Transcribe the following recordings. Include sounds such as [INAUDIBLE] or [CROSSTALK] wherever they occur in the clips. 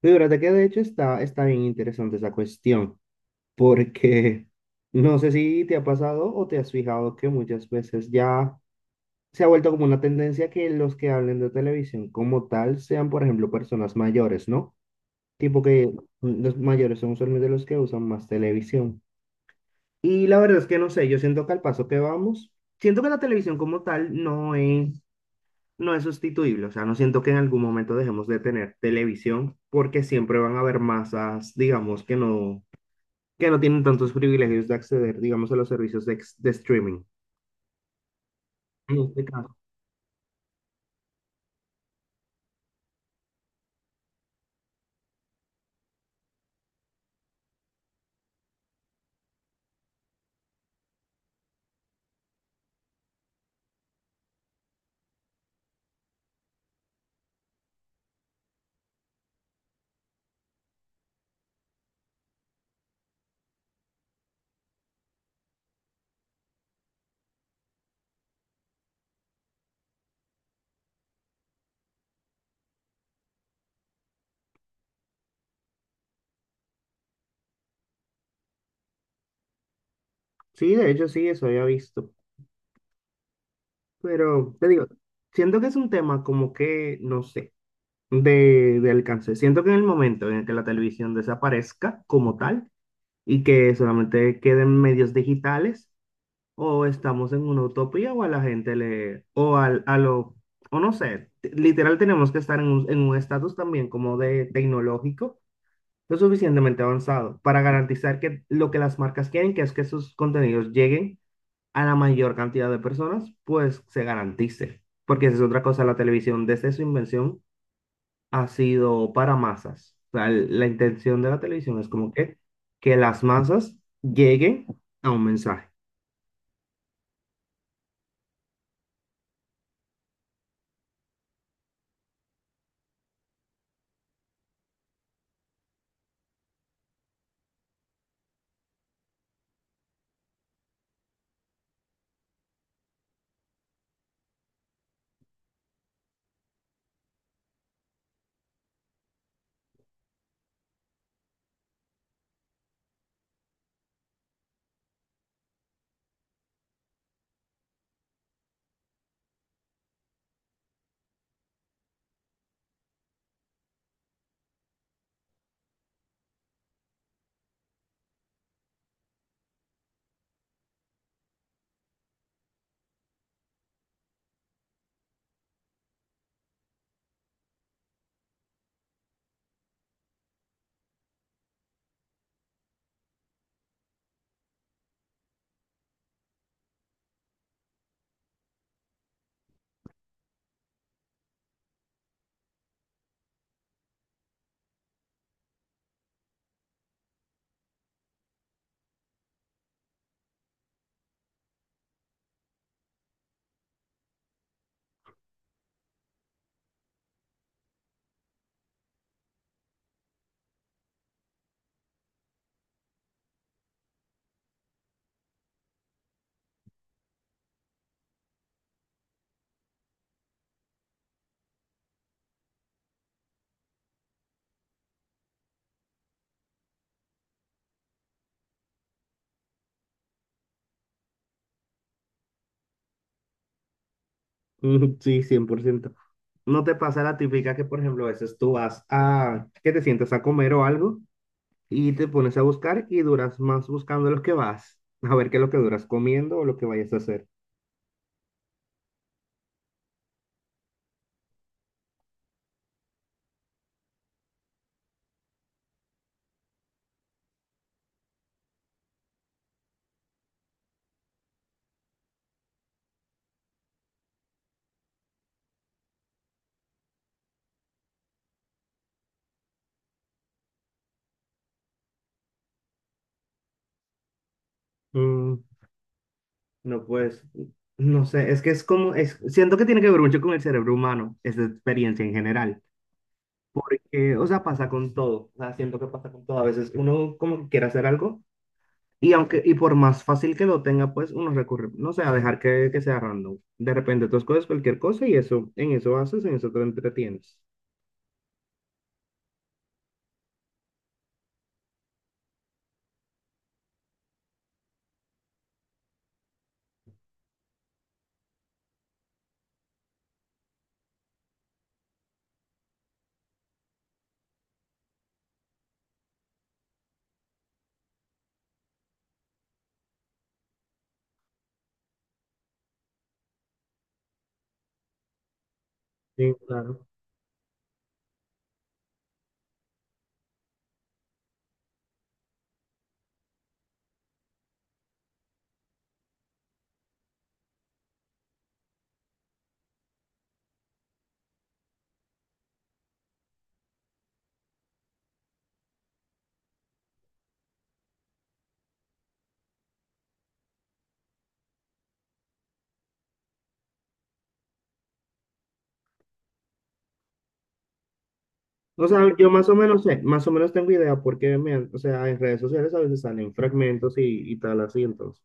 Fíjate que de hecho está bien interesante esa cuestión, porque no sé si te ha pasado o te has fijado que muchas veces ya se ha vuelto como una tendencia que los que hablen de televisión como tal sean, por ejemplo, personas mayores, ¿no? Tipo que los mayores son usualmente los que usan más televisión. Y la verdad es que no sé, yo siento que al paso que vamos, siento que la televisión como tal no es sustituible. O sea, no siento que en algún momento dejemos de tener televisión porque siempre van a haber masas, digamos, que no tienen tantos privilegios de acceder, digamos, a los servicios de streaming. En este caso. Sí, de hecho, sí, eso había visto. Pero te digo, siento que es un tema como que, no sé, de alcance. Siento que en el momento en el que la televisión desaparezca como tal y que solamente queden medios digitales, o estamos en una utopía o a la gente le, o al, a lo, o no sé, t- literal tenemos que estar en un estatus también como de tecnológico, lo suficientemente avanzado para garantizar que lo que las marcas quieren, que es que sus contenidos lleguen a la mayor cantidad de personas, pues se garantice. Porque esa es otra cosa, la televisión desde su invención ha sido para masas. O sea, la intención de la televisión es como que las masas lleguen a un mensaje. Mm, sí, 100%. ¿No te pasa la típica que, por ejemplo, a veces que te sientas a comer o algo y te pones a buscar y duras más buscando lo que vas, a ver qué es lo que duras comiendo o lo que vayas a hacer? Mm, no, pues, no sé, es que es como, es, siento que tiene que ver mucho con el cerebro humano, esa experiencia en general, porque, o sea, pasa con todo, o sea, siento que pasa con todo. A veces uno como que quiere hacer algo. Y aunque, y por más fácil que lo tenga, pues uno recurre, no sé, a dejar que sea random. De repente tú escoges cualquier cosa y eso, en eso haces, en eso te entretienes. Sí, claro. O sea, yo más o menos sé, más o menos tengo idea porque, o sea, en redes sociales a veces salen fragmentos y tal así, entonces.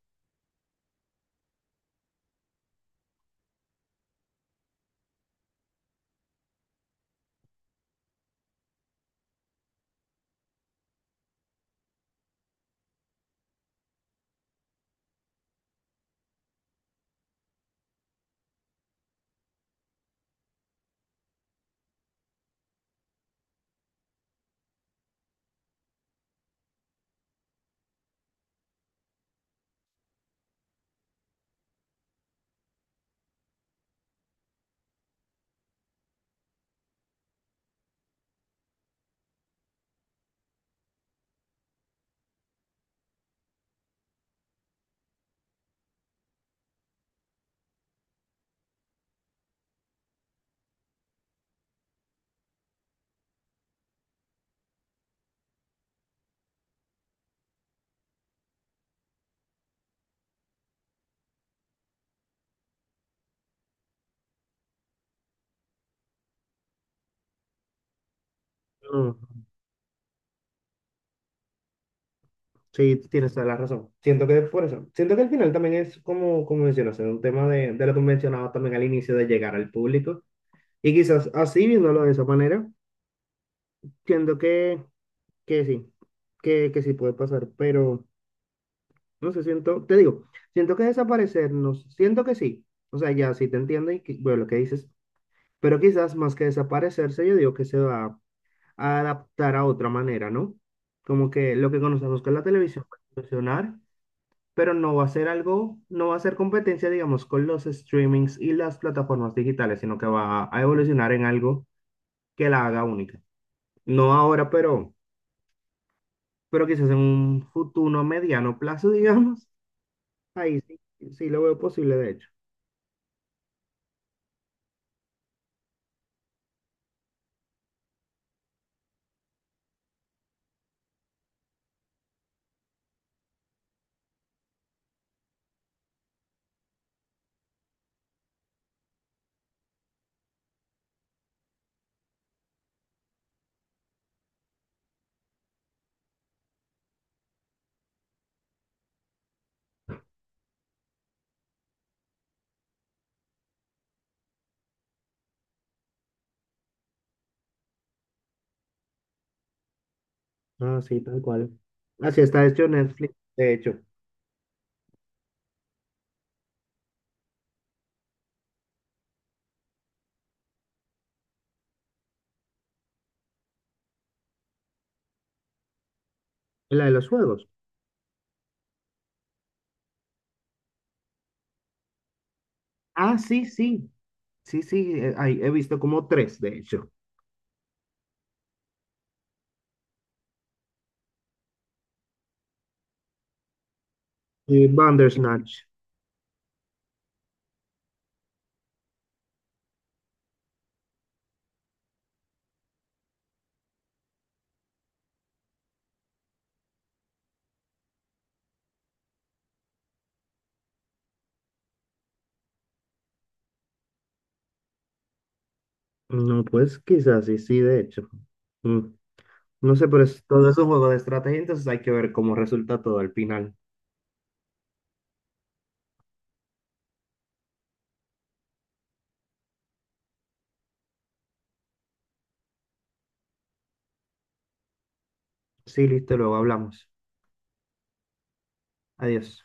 Mm, sí, tienes toda la razón. Siento que por eso, siento que al final también es como, como mencionas, es un tema de lo que mencionaba también al inicio de llegar al público. Y quizás así, viéndolo de esa manera, siento que sí, que sí puede pasar, pero no sé, siento, te digo, siento que desaparecernos, siento que sí, o sea, ya sí te entiendo bueno, lo que dices, pero quizás más que desaparecerse, yo digo que se va a adaptar a otra manera, ¿no? Como que lo que conocemos con la televisión va a evolucionar, pero no va a ser algo, no va a ser competencia, digamos, con los streamings y las plataformas digitales, sino que va a evolucionar en algo que la haga única. No ahora, pero quizás en un futuro mediano plazo, [LAUGHS] digamos, ahí sí, sí lo veo posible, de hecho. Ah, sí, tal cual. Así está hecho Netflix, de hecho. La de los juegos. Ah, sí, sí. Sí, sí, ahí he visto como tres, de hecho. Y Bandersnatch. No, pues quizás sí, sí, de hecho. Mm, no sé, pero es, todo es un juego de estrategia, entonces hay que ver cómo resulta todo al final. Sí, listo, luego hablamos. Adiós.